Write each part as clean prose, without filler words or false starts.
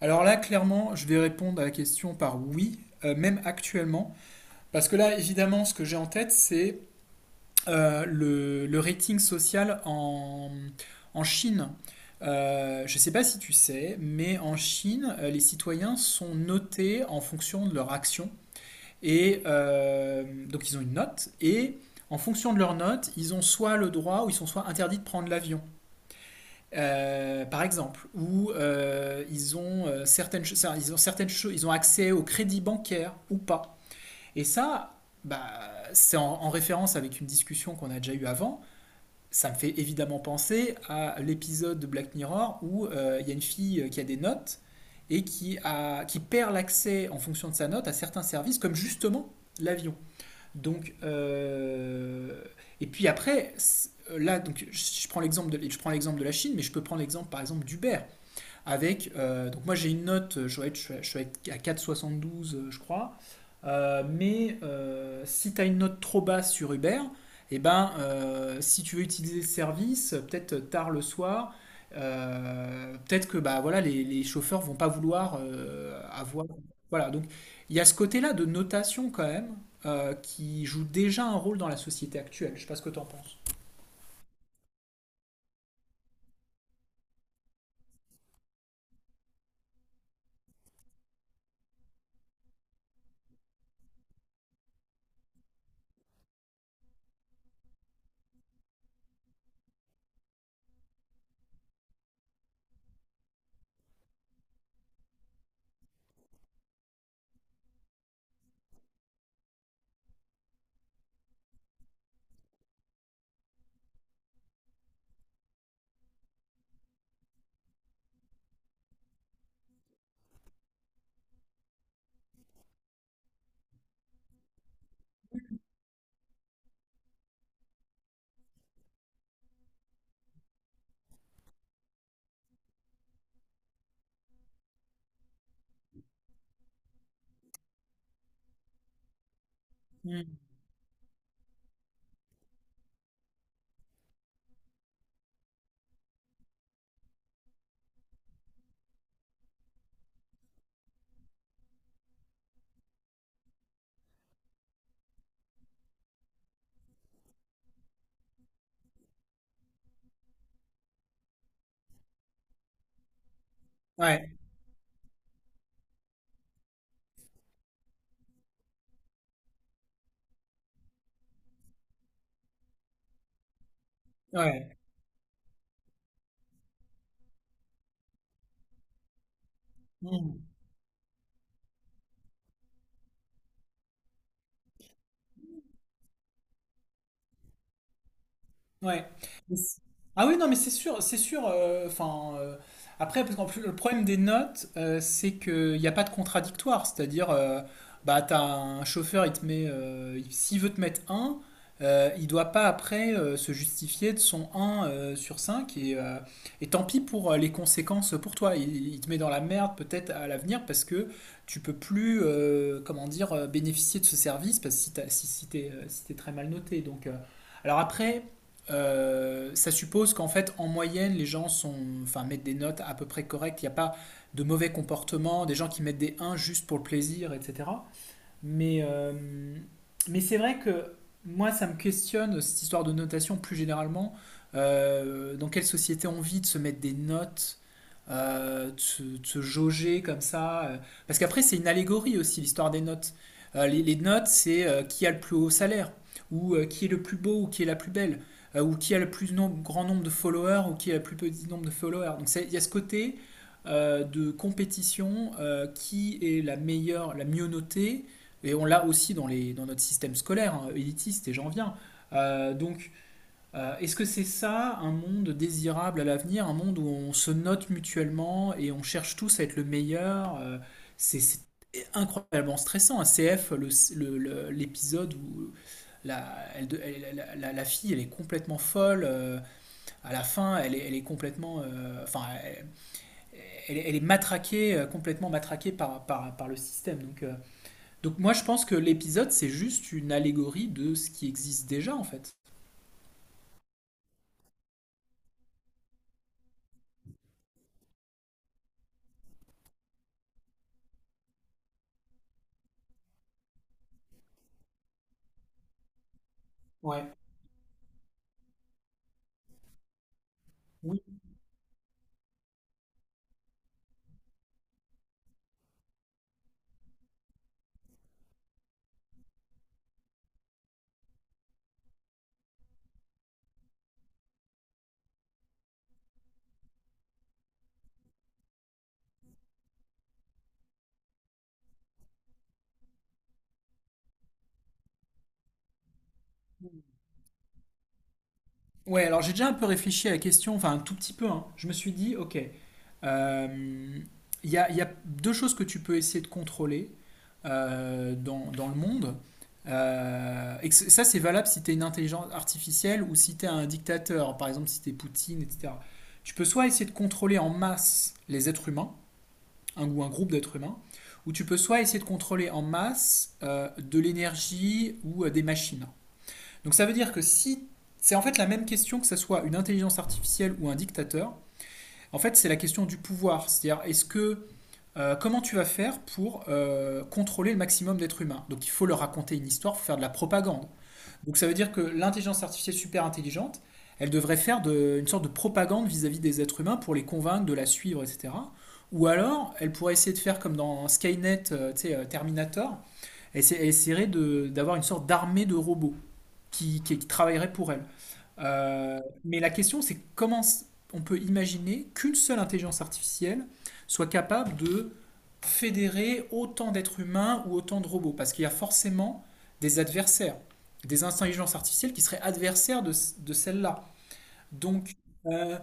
Alors là, clairement, je vais répondre à la question par oui, même actuellement. Parce que là, évidemment, ce que j'ai en tête, c'est le rating social en Chine. Je ne sais pas si tu sais, mais en Chine, les citoyens sont notés en fonction de leur action. Et donc, ils ont une note. Et en fonction de leur note, ils ont soit le droit ou ils sont soit interdits de prendre l'avion. Par exemple, où ils ont certaines choses, ils ont accès au crédit bancaire ou pas. Et ça, bah, c'est en référence avec une discussion qu'on a déjà eue avant. Ça me fait évidemment penser à l'épisode de Black Mirror où il y a une fille qui a des notes et qui perd l'accès en fonction de sa note à certains services, comme justement l'avion. Donc, euh, et puis après, là, donc, je prends l'exemple de, je prends l'exemple de la Chine, mais je peux prendre l'exemple par exemple d'Uber. Avec, donc moi j'ai une note, je suis à 4,72 je crois. Mais si tu as une note trop basse sur Uber, si tu veux utiliser le service, peut-être tard le soir, peut-être que voilà, les chauffeurs ne vont pas vouloir avoir... Voilà, donc il y a ce côté-là de notation quand même qui joue déjà un rôle dans la société actuelle, je sais pas ce que tu en penses. Mm. Ouais, ouais. Mm. Ouais. Ah oui, non, mais c'est sûr, c'est sûr. Après, parce qu'en plus, le problème des notes, c'est qu'il n'y a pas de contradictoire. C'est-à-dire, t'as un chauffeur, il te met, s'il veut te mettre un il doit pas après se justifier de son un sur cinq. Et tant pis pour les conséquences pour toi. Il te met dans la merde peut-être à l'avenir parce que tu peux plus, comment dire, bénéficier de ce service parce que si t'es si t'es très mal noté. Alors après ça suppose qu'en fait, en moyenne, les gens mettent des notes à peu près correctes. Il n'y a pas de mauvais comportement, des gens qui mettent des 1 juste pour le plaisir, etc. Mais, euh, mais c'est vrai que moi, ça me questionne cette histoire de notation plus généralement. Dans quelle société on vit de se mettre des notes, de se jauger comme ça. Parce qu'après, c'est une allégorie aussi, l'histoire des notes. Les notes, c'est qui a le plus haut salaire, ou qui est le plus beau, ou qui est la plus belle, ou qui a le plus grand nombre de followers, ou qui a le plus petit nombre de followers. Il y a ce côté de compétition, qui est la meilleure, la mieux notée, et on l'a aussi dans notre système scolaire, hein, élitiste, et j'en viens. Euh, donc, Est-ce que c'est ça un monde désirable à l'avenir, un monde où on se note mutuellement et on cherche tous à être le meilleur C'est incroyablement stressant. Un CF, l'épisode où la fille, elle est complètement folle. À la fin, elle est complètement, elle est matraquée, complètement matraquée par le système. Donc moi je pense que l'épisode c'est juste une allégorie de ce qui existe déjà en fait. Ouais, oui. Ouais, alors j'ai déjà un peu réfléchi à la question, enfin un tout petit peu, hein. Je me suis dit, ok, euh, il y a deux choses que tu peux essayer de contrôler dans le monde. Et ça c'est valable si tu es une intelligence artificielle ou si tu es un dictateur, par exemple si tu es Poutine, etc. Tu peux soit essayer de contrôler en masse les êtres humains, un, ou un groupe d'êtres humains, où tu peux soit essayer de contrôler en masse de l'énergie ou des machines. Donc ça veut dire que si c'est en fait la même question que ce soit une intelligence artificielle ou un dictateur, en fait c'est la question du pouvoir, c'est-à-dire est-ce que comment tu vas faire pour contrôler le maximum d'êtres humains. Donc il faut leur raconter une histoire, il faut faire de la propagande. Donc ça veut dire que l'intelligence artificielle super intelligente, elle devrait une sorte de propagande vis-à-vis des êtres humains pour les convaincre de la suivre, etc. Ou alors, elle pourrait essayer de faire comme dans Skynet, tu sais, Terminator, elle essaierait d'avoir une sorte d'armée de robots qui travailleraient pour elle. Mais la question, c'est on peut imaginer qu'une seule intelligence artificielle soit capable de fédérer autant d'êtres humains ou autant de robots? Parce qu'il y a forcément des adversaires, des intelligences artificielles qui seraient adversaires de celle-là. Donc, euh,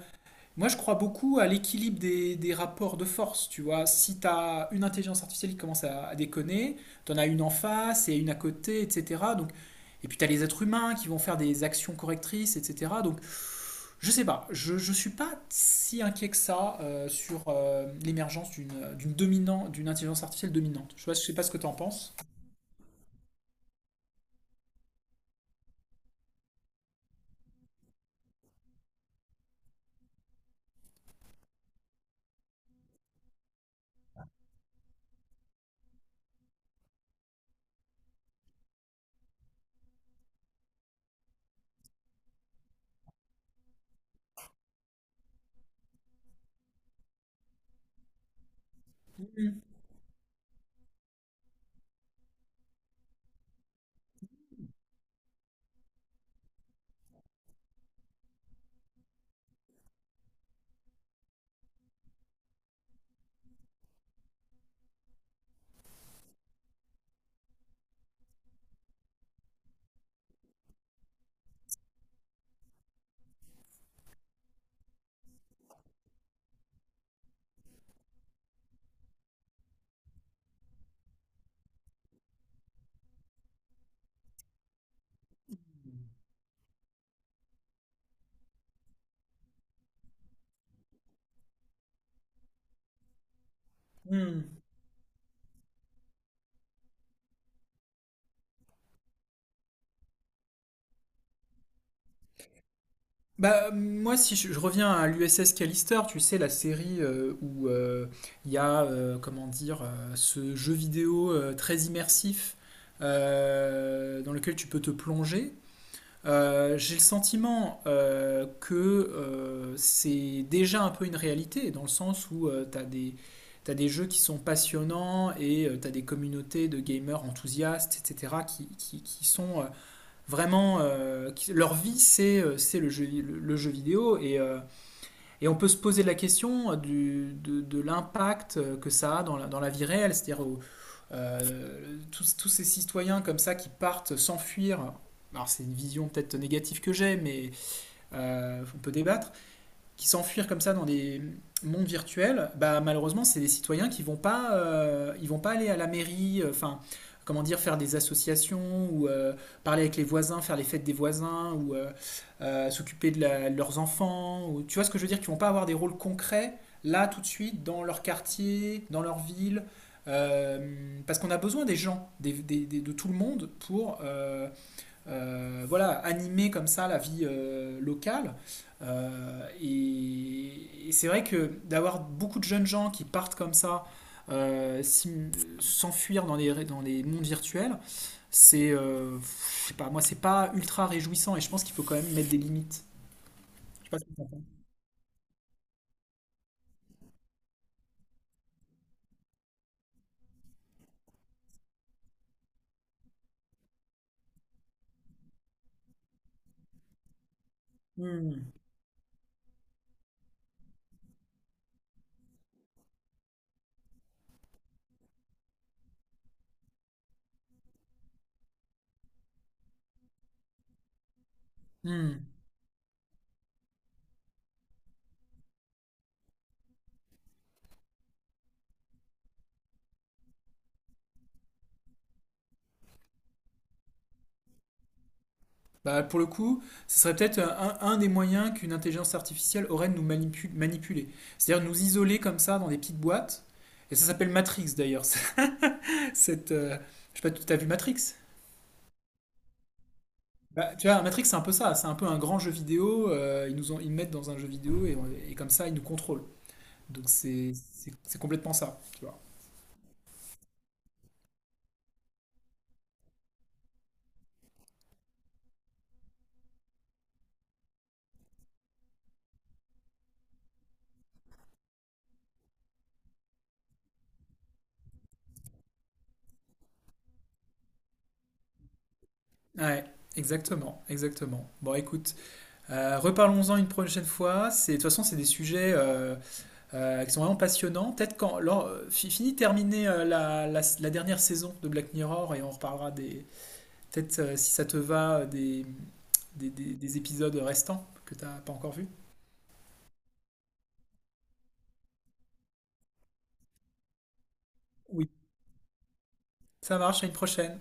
Moi, je crois beaucoup à l'équilibre des rapports de force. Tu vois, si tu as une intelligence artificielle qui commence à déconner, tu en as une en face et une à côté, etc. Donc, et puis, tu as les êtres humains qui vont faire des actions correctrices, etc. Donc, je sais pas, je ne suis pas si inquiet que ça sur l'émergence d'une dominante, d'une intelligence artificielle dominante. Je ne sais pas, ce que tu en penses. Mm. Mm. Bah, moi, si je, je reviens à l'USS Callister, tu sais, la série où il y a, comment dire, ce jeu vidéo très immersif dans lequel tu peux te plonger. J'ai le sentiment que c'est déjà un peu une réalité, dans le sens où t'as des jeux qui sont passionnants et tu as des communautés de gamers enthousiastes, etc., qui sont vraiment... leur vie, c'est le jeu vidéo. Et on peut se poser la question de l'impact que ça a dans la vie réelle, c'est-à-dire tous ces citoyens comme ça qui partent s'enfuir. Alors c'est une vision peut-être négative que j'ai, mais on peut débattre qui s'enfuir comme ça dans des mondes virtuels, bah, malheureusement, c'est des citoyens qui ne vont pas, ils vont pas aller à la mairie, comment dire, faire des associations ou parler avec les voisins, faire les fêtes des voisins ou s'occuper de leurs enfants. Ou, tu vois ce que je veux dire? Qui ne vont pas avoir des rôles concrets là tout de suite dans leur quartier, dans leur ville. Parce qu'on a besoin des gens, de tout le monde pour voilà, animer comme ça la vie locale. Et c'est vrai que d'avoir beaucoup de jeunes gens qui partent comme ça, euh, s'im- s'enfuir dans dans les mondes virtuels, c'est, je sais pas, moi c'est pas ultra réjouissant et je pense qu'il faut quand même mettre des limites. Je sais pas ce que t'en penses. Hmm, hmm. Bah, pour le coup, ce serait peut-être un des moyens qu'une intelligence artificielle aurait de nous manipuler. C'est-à-dire nous isoler comme ça dans des petites boîtes. Et ça s'appelle Matrix d'ailleurs. Cette. Je sais pas, tu as vu Matrix? Bah, tu vois, Matrix, c'est un peu ça. C'est un peu un grand jeu vidéo. Ils nous mettent dans un jeu vidéo et, comme ça, ils nous contrôlent. Donc c'est complètement ça, tu vois. Ouais, exactement, exactement. Bon, écoute, reparlons-en une prochaine fois. C'est, de toute façon, c'est des sujets qui sont vraiment passionnants. Peut-être fini de terminer la dernière saison de Black Mirror et on reparlera peut-être si ça te va, des épisodes restants que t'as pas encore vus. Oui. Ça marche, à une prochaine.